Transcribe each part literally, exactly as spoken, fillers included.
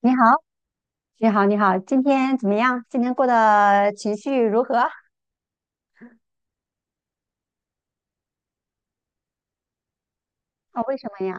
你好，你好，你好，今天怎么样？今天过得情绪如何？啊，为什么呀？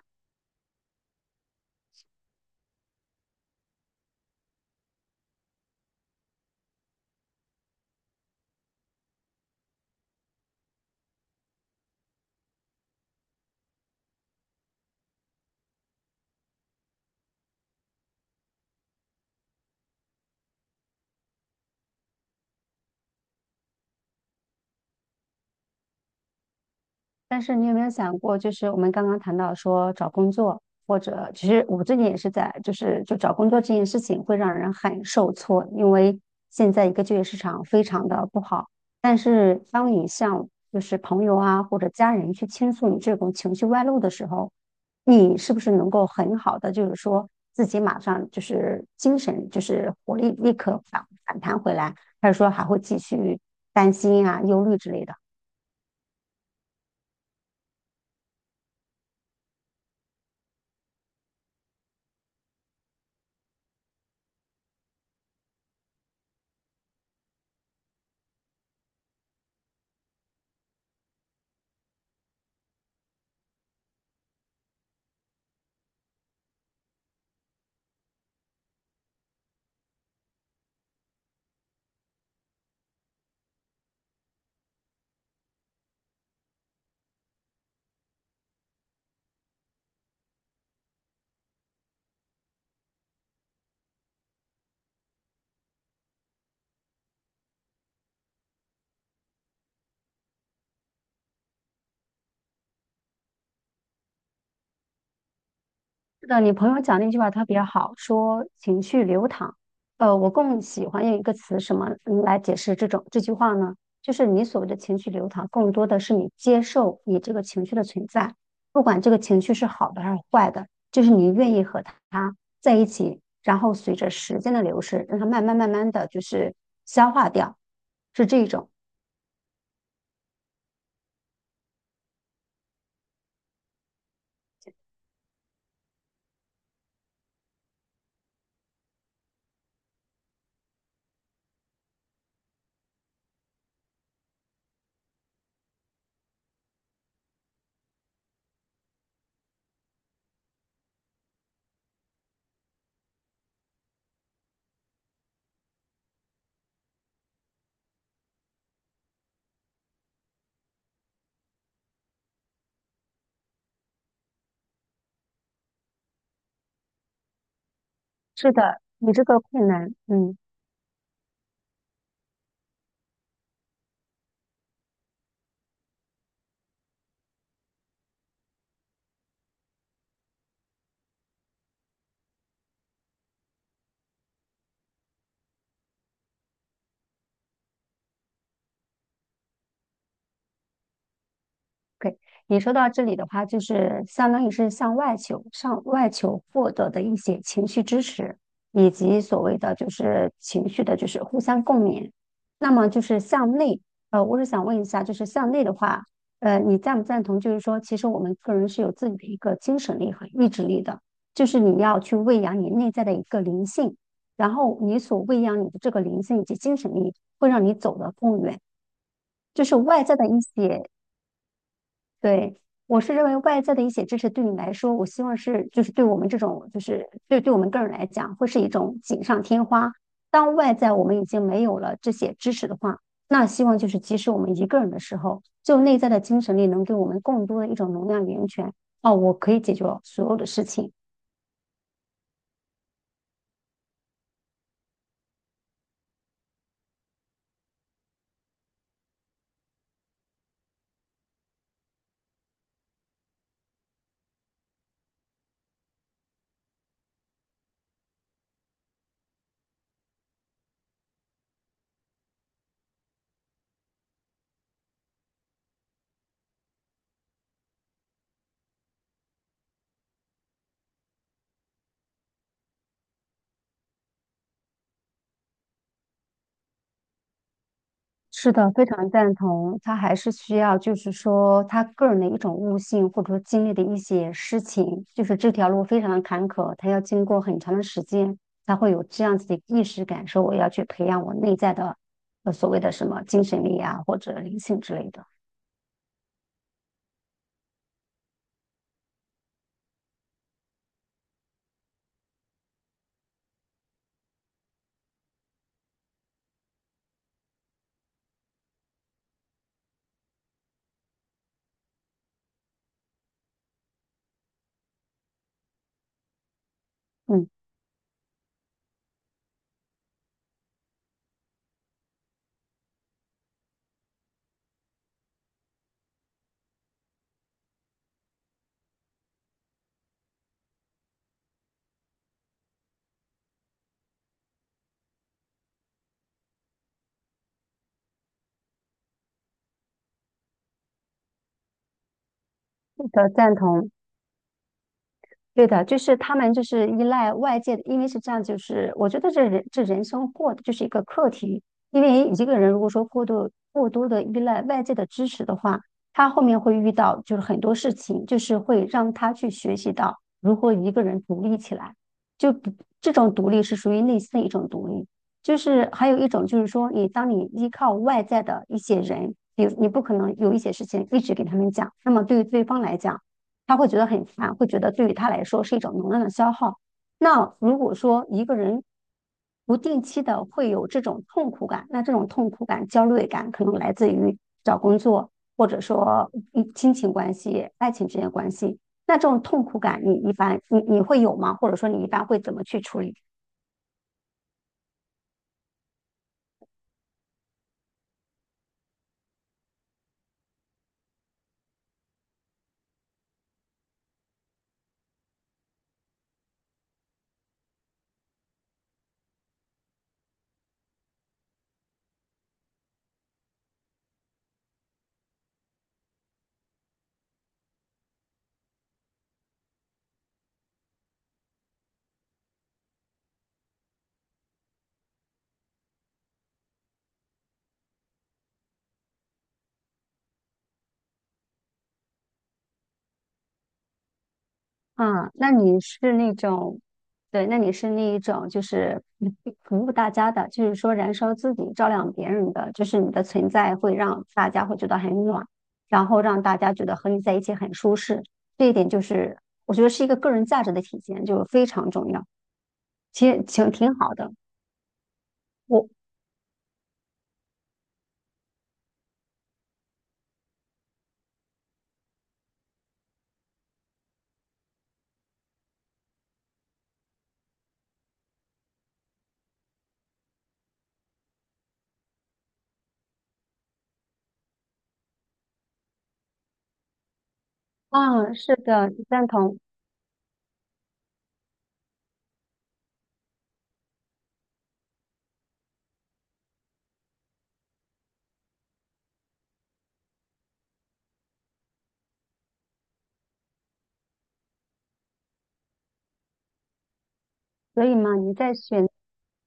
但是你有没有想过，就是我们刚刚谈到说找工作，或者其实我最近也是在，就是就找工作这件事情会让人很受挫，因为现在一个就业市场非常的不好。但是当你向就是朋友啊或者家人去倾诉你这种情绪外露的时候，你是不是能够很好的就是说自己马上就是精神就是活力立刻反反弹回来，还是说还会继续担心啊忧虑之类的？是的，你朋友讲那句话特别好，说情绪流淌。呃，我更喜欢用一个词什么嗯来解释这种这句话呢？就是你所谓的情绪流淌，更多的是你接受你这个情绪的存在，不管这个情绪是好的还是坏的，就是你愿意和它在一起，然后随着时间的流逝，让它慢慢慢慢的就是消化掉，是这种。是的，你这个困难，嗯。OK，你说到这里的话，就是相当于是向外求、向外求获得的一些情绪支持，以及所谓的就是情绪的，就是互相共勉。那么就是向内，呃，我是想问一下，就是向内的话，呃，你赞不赞同？就是说，其实我们个人是有自己的一个精神力和意志力的，就是你要去喂养你内在的一个灵性，然后你所喂养你的这个灵性以及精神力，会让你走得更远。就是外在的一些对，我是认为外在的一些支持对你来说，我希望是就是对我们这种就是对对我们个人来讲，会是一种锦上添花。当外在我们已经没有了这些支持的话，那希望就是即使我们一个人的时候，就内在的精神力能给我们更多的一种能量源泉。哦，我可以解决所有的事情，是的，非常赞同。他还是需要，就是说他个人的一种悟性，或者说经历的一些事情，就是这条路非常的坎坷，他要经过很长的时间，他会有这样子的意识感受。说我要去培养我内在的，呃，所谓的什么精神力啊，或者灵性之类的。嗯，的赞同。对的，就是他们就是依赖外界的，因为是这样，就是我觉得这人这人生过的就是一个课题，因为一个人如果说过度过多的依赖外界的支持的话，他后面会遇到就是很多事情，就是会让他去学习到如何一个人独立起来，就不这种独立是属于内心的一种独立，就是还有一种就是说你当你依靠外在的一些人，比如你不可能有一些事情一直给他们讲，那么对于对方来讲。他会觉得很烦，会觉得对于他来说是一种能量的消耗。那如果说一个人不定期的会有这种痛苦感，那这种痛苦感、焦虑感可能来自于找工作，或者说嗯亲情关系、爱情之间的关系。那这种痛苦感，你一般你你会有吗？或者说你一般会怎么去处理？啊，那你是那种，对，那你是那一种，就是嗯 服务大家的，就是说燃烧自己，照亮别人的，就是你的存在会让大家会觉得很暖，然后让大家觉得和你在一起很舒适。这一点就是我觉得是一个个人价值的体现，就非常重要，其实挺挺好的。我，啊，是的，赞同。所以嘛，你在选，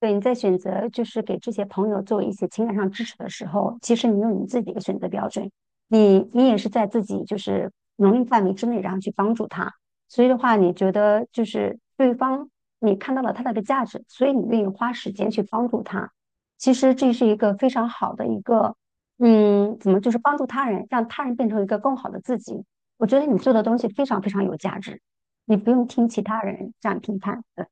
对，你在选择就是给这些朋友做一些情感上支持的时候，其实你有你自己的选择标准，你你也是在自己就是能力范围之内，然后去帮助他。所以的话，你觉得就是对方你看到了他的一个价值，所以你愿意花时间去帮助他。其实这是一个非常好的一个，嗯，怎么就是帮助他人，让他人变成一个更好的自己。我觉得你做的东西非常非常有价值，你不用听其他人这样评判。呃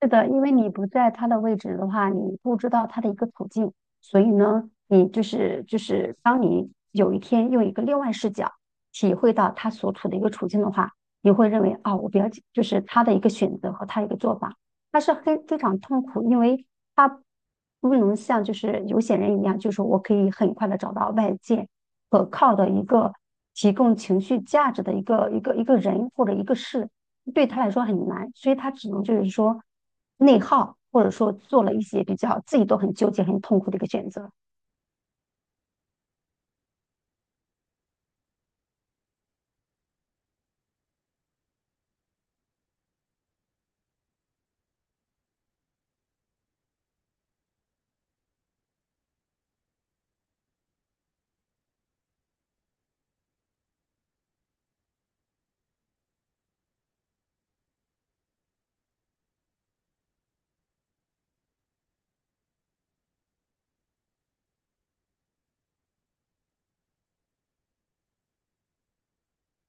是的，因为你不在他的位置的话，你不知道他的一个处境，所以呢，你就是就是当你有一天用一个另外视角体会到他所处的一个处境的话，你会认为啊、我比较就是他的一个选择和他的一个做法他是非非常痛苦，因为他不能像就是有些人一样，就是我可以很快的找到外界可靠的一个提供情绪价值的一个一个一个人或者一个事，对他来说很难，所以他只能就是说内耗，或者说做了一些比较自己都很纠结、很痛苦的一个选择。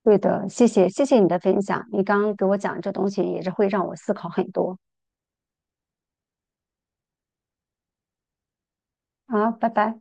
对的，谢谢，谢谢你的分享，你刚刚给我讲这东西也是会让我思考很多。好，拜拜。